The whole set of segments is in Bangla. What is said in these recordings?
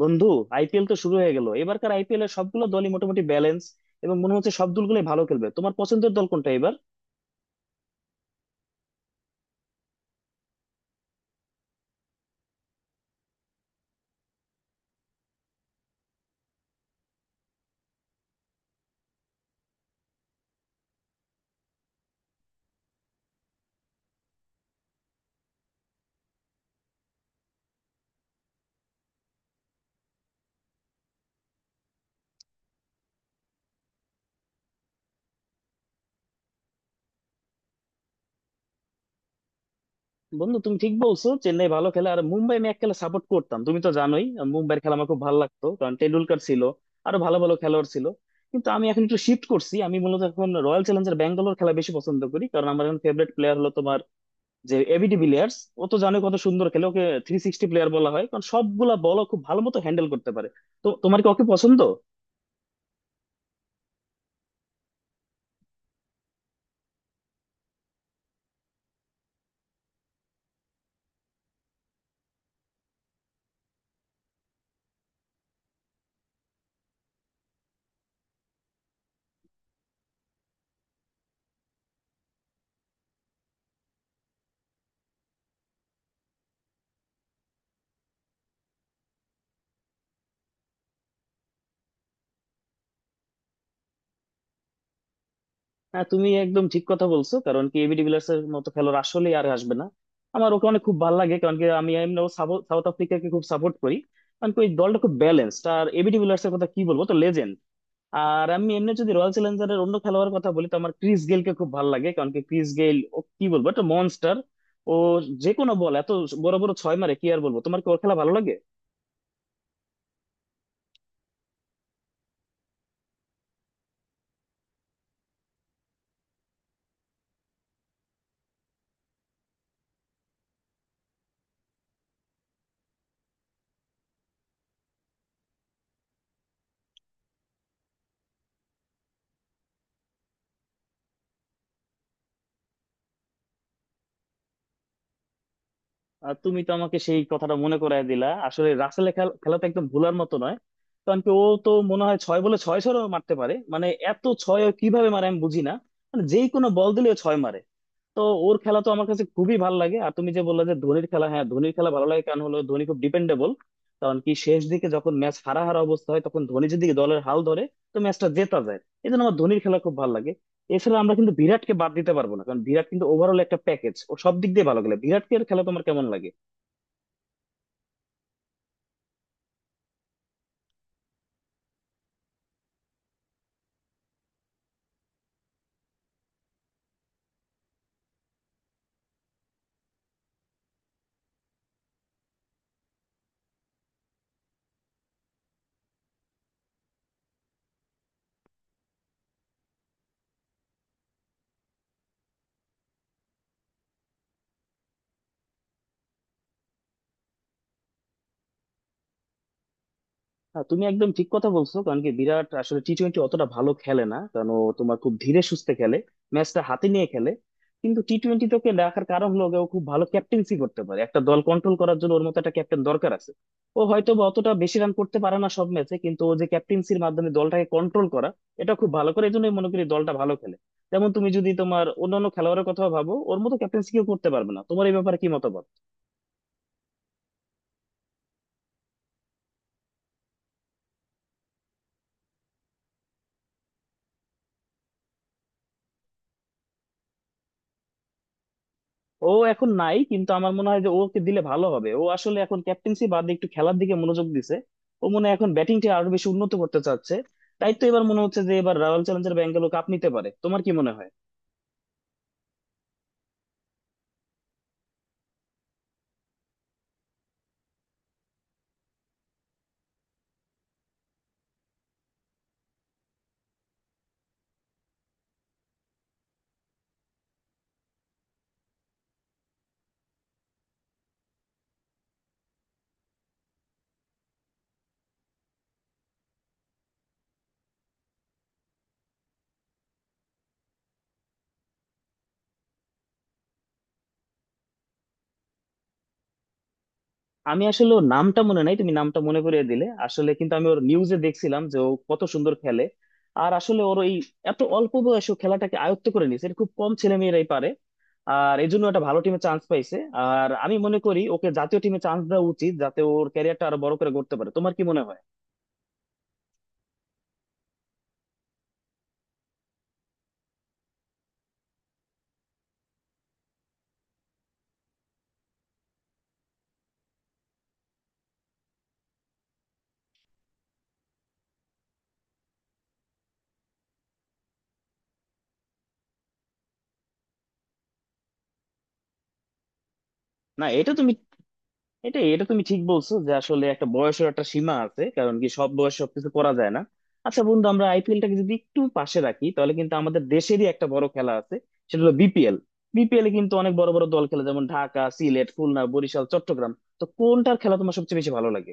বন্ধু, আইপিএল তো শুরু হয়ে গেল। এবারকার আইপিএল এর সবগুলো দলই মোটামুটি ব্যালেন্স এবং মনে হচ্ছে সব দলগুলোই ভালো খেলবে। তোমার পছন্দের দল কোনটা এবার? বন্ধু, তুমি ঠিক বলছো, চেন্নাই ভালো খেলে। আর মুম্বাই আমি এক খেলা সাপোর্ট করতাম, তুমি তো জানোই। মুম্বাইয়ের খেলা আমার খুব ভালো লাগতো কারণ টেন্ডুলকার ছিল, আরো ভালো ভালো খেলোয়াড় ছিল। কিন্তু আমি এখন একটু শিফট করছি, আমি মূলত এখন রয়্যাল চ্যালেঞ্জার্স ব্যাঙ্গালোর খেলা বেশি পছন্দ করি, কারণ আমার এখন ফেভারিট প্লেয়ার হলো তোমার যে এবি ডিভিলিয়ার্স। ও তো জানো কত সুন্দর খেলে, ওকে থ্রি সিক্সটি প্লেয়ার বলা হয় কারণ সবগুলা বল খুব ভালো মতো হ্যান্ডেল করতে পারে। তো তোমার কি ওকে পছন্দ? হ্যাঁ, তুমি একদম ঠিক কথা বলছো, কারণ কি এবি ডিভিলিয়ার্স এর মতো খেলোয়াড় আসলে আর আসবে না। আমার ওকে অনেক খুব ভালো লাগে, কারণ কি আমি এমনিও সাউথ আফ্রিকাকে খুব সাপোর্ট করি। কারণ কি ওই দলটা খুব ব্যালেন্সড, আর এবি ডিভিলিয়ার্স এর কথা কি বলবো, তো লেজেন্ড। আর আমি এমনি যদি রয়্যাল চ্যালেঞ্জার্স এর অন্য খেলোয়াড়ের কথা বলি, তো আমার ক্রিস গেইলকে খুব ভালো লাগে। কারণ কি ক্রিস গেইল, ও কি বলবো, একটা মনস্টার। ও যে কোনো বল এত বড় বড় ছয় মারে, কি আর বলবো। তোমার কি ওর খেলা ভালো লাগে? আর তুমি তো আমাকে সেই কথাটা মনে করায় দিলা। আসলে রাসেলের খেলা তো একদম ভুলার মতো নয়। কারণ কি ও তো মনে হয় ছয় বলে ছয় ছয়ও মারতে পারে, মানে এত ছয় ও কিভাবে মারে আমি বুঝি না। মানে যেই কোনো বল দিলে ও ছয় মারে। তো ওর খেলা তো আমার কাছে খুবই ভালো লাগে। আর তুমি যে বললে যে ধোনির খেলা, হ্যাঁ ধোনির খেলা ভালো লাগে, কারণ হলো ধোনি খুব ডিপেন্ডেবল। কারণ কি শেষ দিকে যখন ম্যাচ হারা হারা অবস্থা হয়, তখন ধোনি যদি দলের হাল ধরে তো ম্যাচটা জেতা যায়। এই জন্য আমার ধোনির খেলা খুব ভালো লাগে। এছাড়া আমরা কিন্তু বিরাটকে বাদ দিতে পারবো না, কারণ বিরাট কিন্তু ওভারঅল একটা প্যাকেজ, ও সব দিক দিয়ে ভালো গেলে। বিরাটকে খেলা তোমার কেমন লাগে? হ্যাঁ, তুমি একদম ঠিক কথা বলছো, কারণ কি বিরাট আসলে টি টোয়েন্টি অতটা ভালো খেলে না, কারণ ও তোমার খুব ধীরে সুস্থে খেলে, ম্যাচটা হাতে নিয়ে খেলে। কিন্তু টি টোয়েন্টি তোকে দেখার কারণ হলো গিয়ে ও খুব ভালো ক্যাপ্টেন্সি করতে পারে, একটা দল কন্ট্রোল করার জন্য ওর মতো একটা ক্যাপ্টেন দরকার আছে। ও হয়তো বা অতটা বেশি রান করতে পারে না সব ম্যাচে, কিন্তু ও যে ক্যাপ্টেন্সির মাধ্যমে দলটাকে কন্ট্রোল করা, এটা খুব ভালো করে, এই জন্যই মনে করি দলটা ভালো খেলে। যেমন তুমি যদি তোমার অন্যান্য খেলোয়াড়ের কথা ভাবো, ওর মতো ক্যাপ্টেন্সি কেউ করতে পারবে না। তোমার এই ব্যাপারে কি মতামত? ও এখন নাই, কিন্তু আমার মনে হয় যে ওকে দিলে ভালো হবে। ও আসলে এখন ক্যাপ্টেন্সি বাদে একটু খেলার দিকে মনোযোগ দিছে, ও মনে হয় এখন ব্যাটিংটা আরো বেশি উন্নত করতে চাচ্ছে। তাই তো এবার মনে হচ্ছে যে এবার রয়্যাল চ্যালেঞ্জার ব্যাঙ্গালোর কাপ নিতে পারে। তোমার কি মনে হয়? আমি আসলে ওর নামটা মনে নাই, তুমি নামটা মনে করিয়ে দিলে। আসলে কিন্তু আমি ওর নিউজে দেখছিলাম যে ও কত সুন্দর খেলে। আর আসলে ওর এই এত অল্প বয়সে ও খেলাটাকে আয়ত্ত করে নিয়েছে, এটা খুব কম ছেলে মেয়েরাই পারে। আর এই জন্য একটা ভালো টিমে চান্স পাইছে। আর আমি মনে করি ওকে জাতীয় টিমে চান্স দেওয়া উচিত, যাতে ওর ক্যারিয়ারটা আরো বড় করে করতে পারে। তোমার কি মনে হয়? না, এটা তুমি ঠিক বলছো যে আসলে একটা বয়সের একটা সীমা আছে, কারণ কি সব বয়স সবকিছু করা যায় না। আচ্ছা বন্ধু, আমরা আইপিএলটাকে যদি একটু পাশে রাখি, তাহলে কিন্তু আমাদের দেশেরই একটা বড় খেলা আছে, সেটা হলো বিপিএল। বিপিএল এ কিন্তু অনেক বড় বড় দল খেলে, যেমন ঢাকা, সিলেট, খুলনা, বরিশাল, চট্টগ্রাম। তো কোনটার খেলা তোমার সবচেয়ে বেশি ভালো লাগে?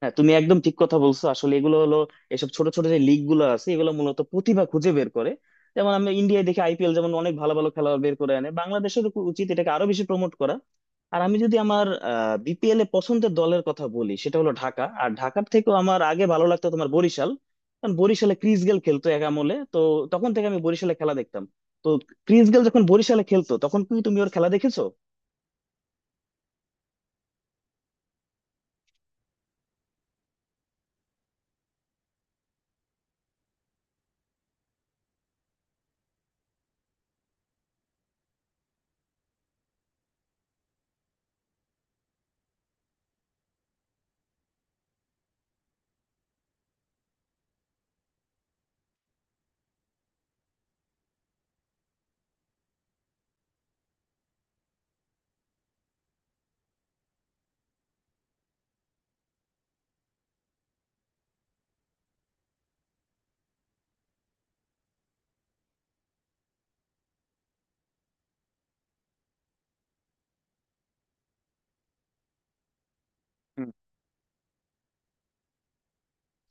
হ্যাঁ, তুমি একদম ঠিক কথা বলছো। আসলে এগুলো হলো, এসব ছোট ছোট যে লিগ গুলো আছে, এগুলো মূলত প্রতিভা খুঁজে বের করে। যেমন আমরা ইন্ডিয়ায় দেখি আইপিএল যেমন অনেক ভালো ভালো খেলোয়াড় বের করে আনে। বাংলাদেশের উচিত এটাকে আরো বেশি প্রমোট করা। আর আমি যদি আমার বিপিএল এ পছন্দের দলের কথা বলি, সেটা হলো ঢাকা। আর ঢাকার থেকেও আমার আগে ভালো লাগতো তোমার বরিশাল, কারণ বরিশালে ক্রিস গেল খেলতো এক আমলে তো। তখন থেকে আমি বরিশালে খেলা দেখতাম। তো ক্রিস গেল যখন বরিশালে খেলতো তখন কি তুমি ওর খেলা দেখেছো?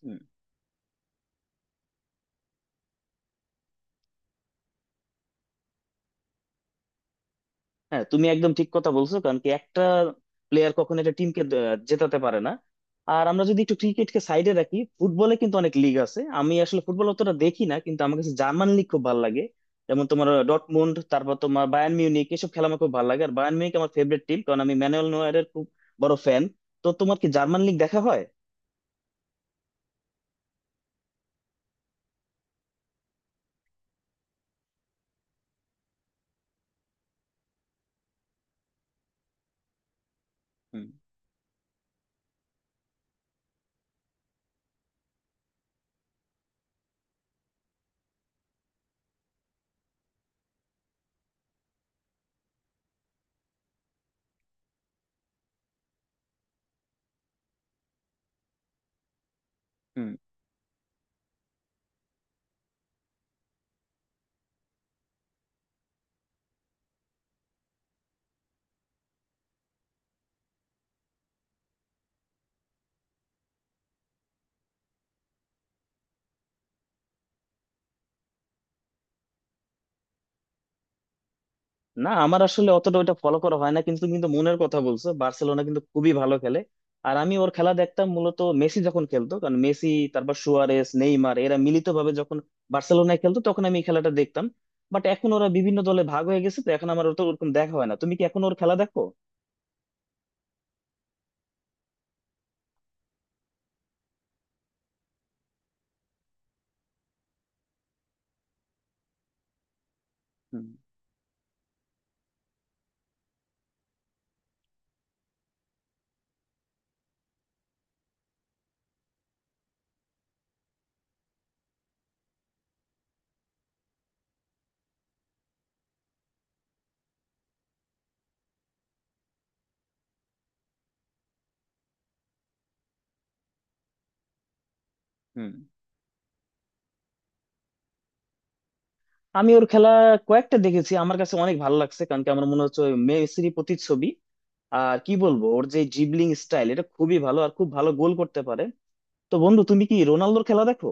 হুম। হ্যাঁ, তুমি একদম ঠিক কথা বলছো, কারণ কি একটা প্লেয়ার কখনো একটা টিমকে জেতাতে পারে না। আর আমরা যদি একটু ক্রিকেটকে সাইডে রাখি, ফুটবলে কিন্তু অনেক লিগ আছে। আমি আসলে ফুটবল অতটা দেখি না, কিন্তু আমার কাছে জার্মান লিগ খুব ভালো লাগে। যেমন তোমার ডটমুন্ড, তারপর তোমার বায়ার্ন মিউনিক, এসব খেলা আমার খুব ভালো লাগে। আর বায়ার্ন মিউনিক আমার ফেভারিট টিম, কারণ আমি ম্যানুয়েল নয়্যারের খুব বড় ফ্যান। তো তোমার কি জার্মান লিগ দেখা হয়? হুম। হুম। না, আমার আসলে অতটা ওইটা ফলো করা হয় না। কিন্তু কিন্তু মনের কথা বলছো, বার্সেলোনা কিন্তু খুবই ভালো খেলে। আর আমি ওর খেলা দেখতাম মূলত মেসি যখন খেলতো, কারণ মেসি, তারপর সুয়ারেস, নেইমার এরা মিলিতভাবে যখন বার্সেলোনায় খেলতো তখন আমি এই খেলাটা দেখতাম। বাট এখন ওরা বিভিন্ন দলে ভাগ হয়ে গেছে, তো এখন আমার অত ওরকম দেখা হয় না। তুমি কি এখন ওর খেলা দেখো? হুম। হুম। আমি ওর খেলা কয়েকটা দেখেছি, আমার কাছে অনেক ভালো লাগছে। কারণ কি আমার মনে হচ্ছে ওই মেসির প্রতিচ্ছবি। আর কি বলবো, ওর যে জিবলিং স্টাইল এটা খুবই ভালো, আর খুব ভালো গোল করতে পারে। তো বন্ধু, তুমি কি রোনালদোর খেলা দেখো?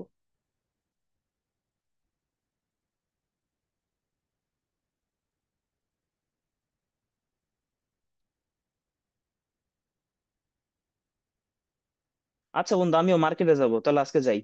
আচ্ছা বন্ধু, আমিও মার্কেটে যাবো, তাহলে আজকে যাই।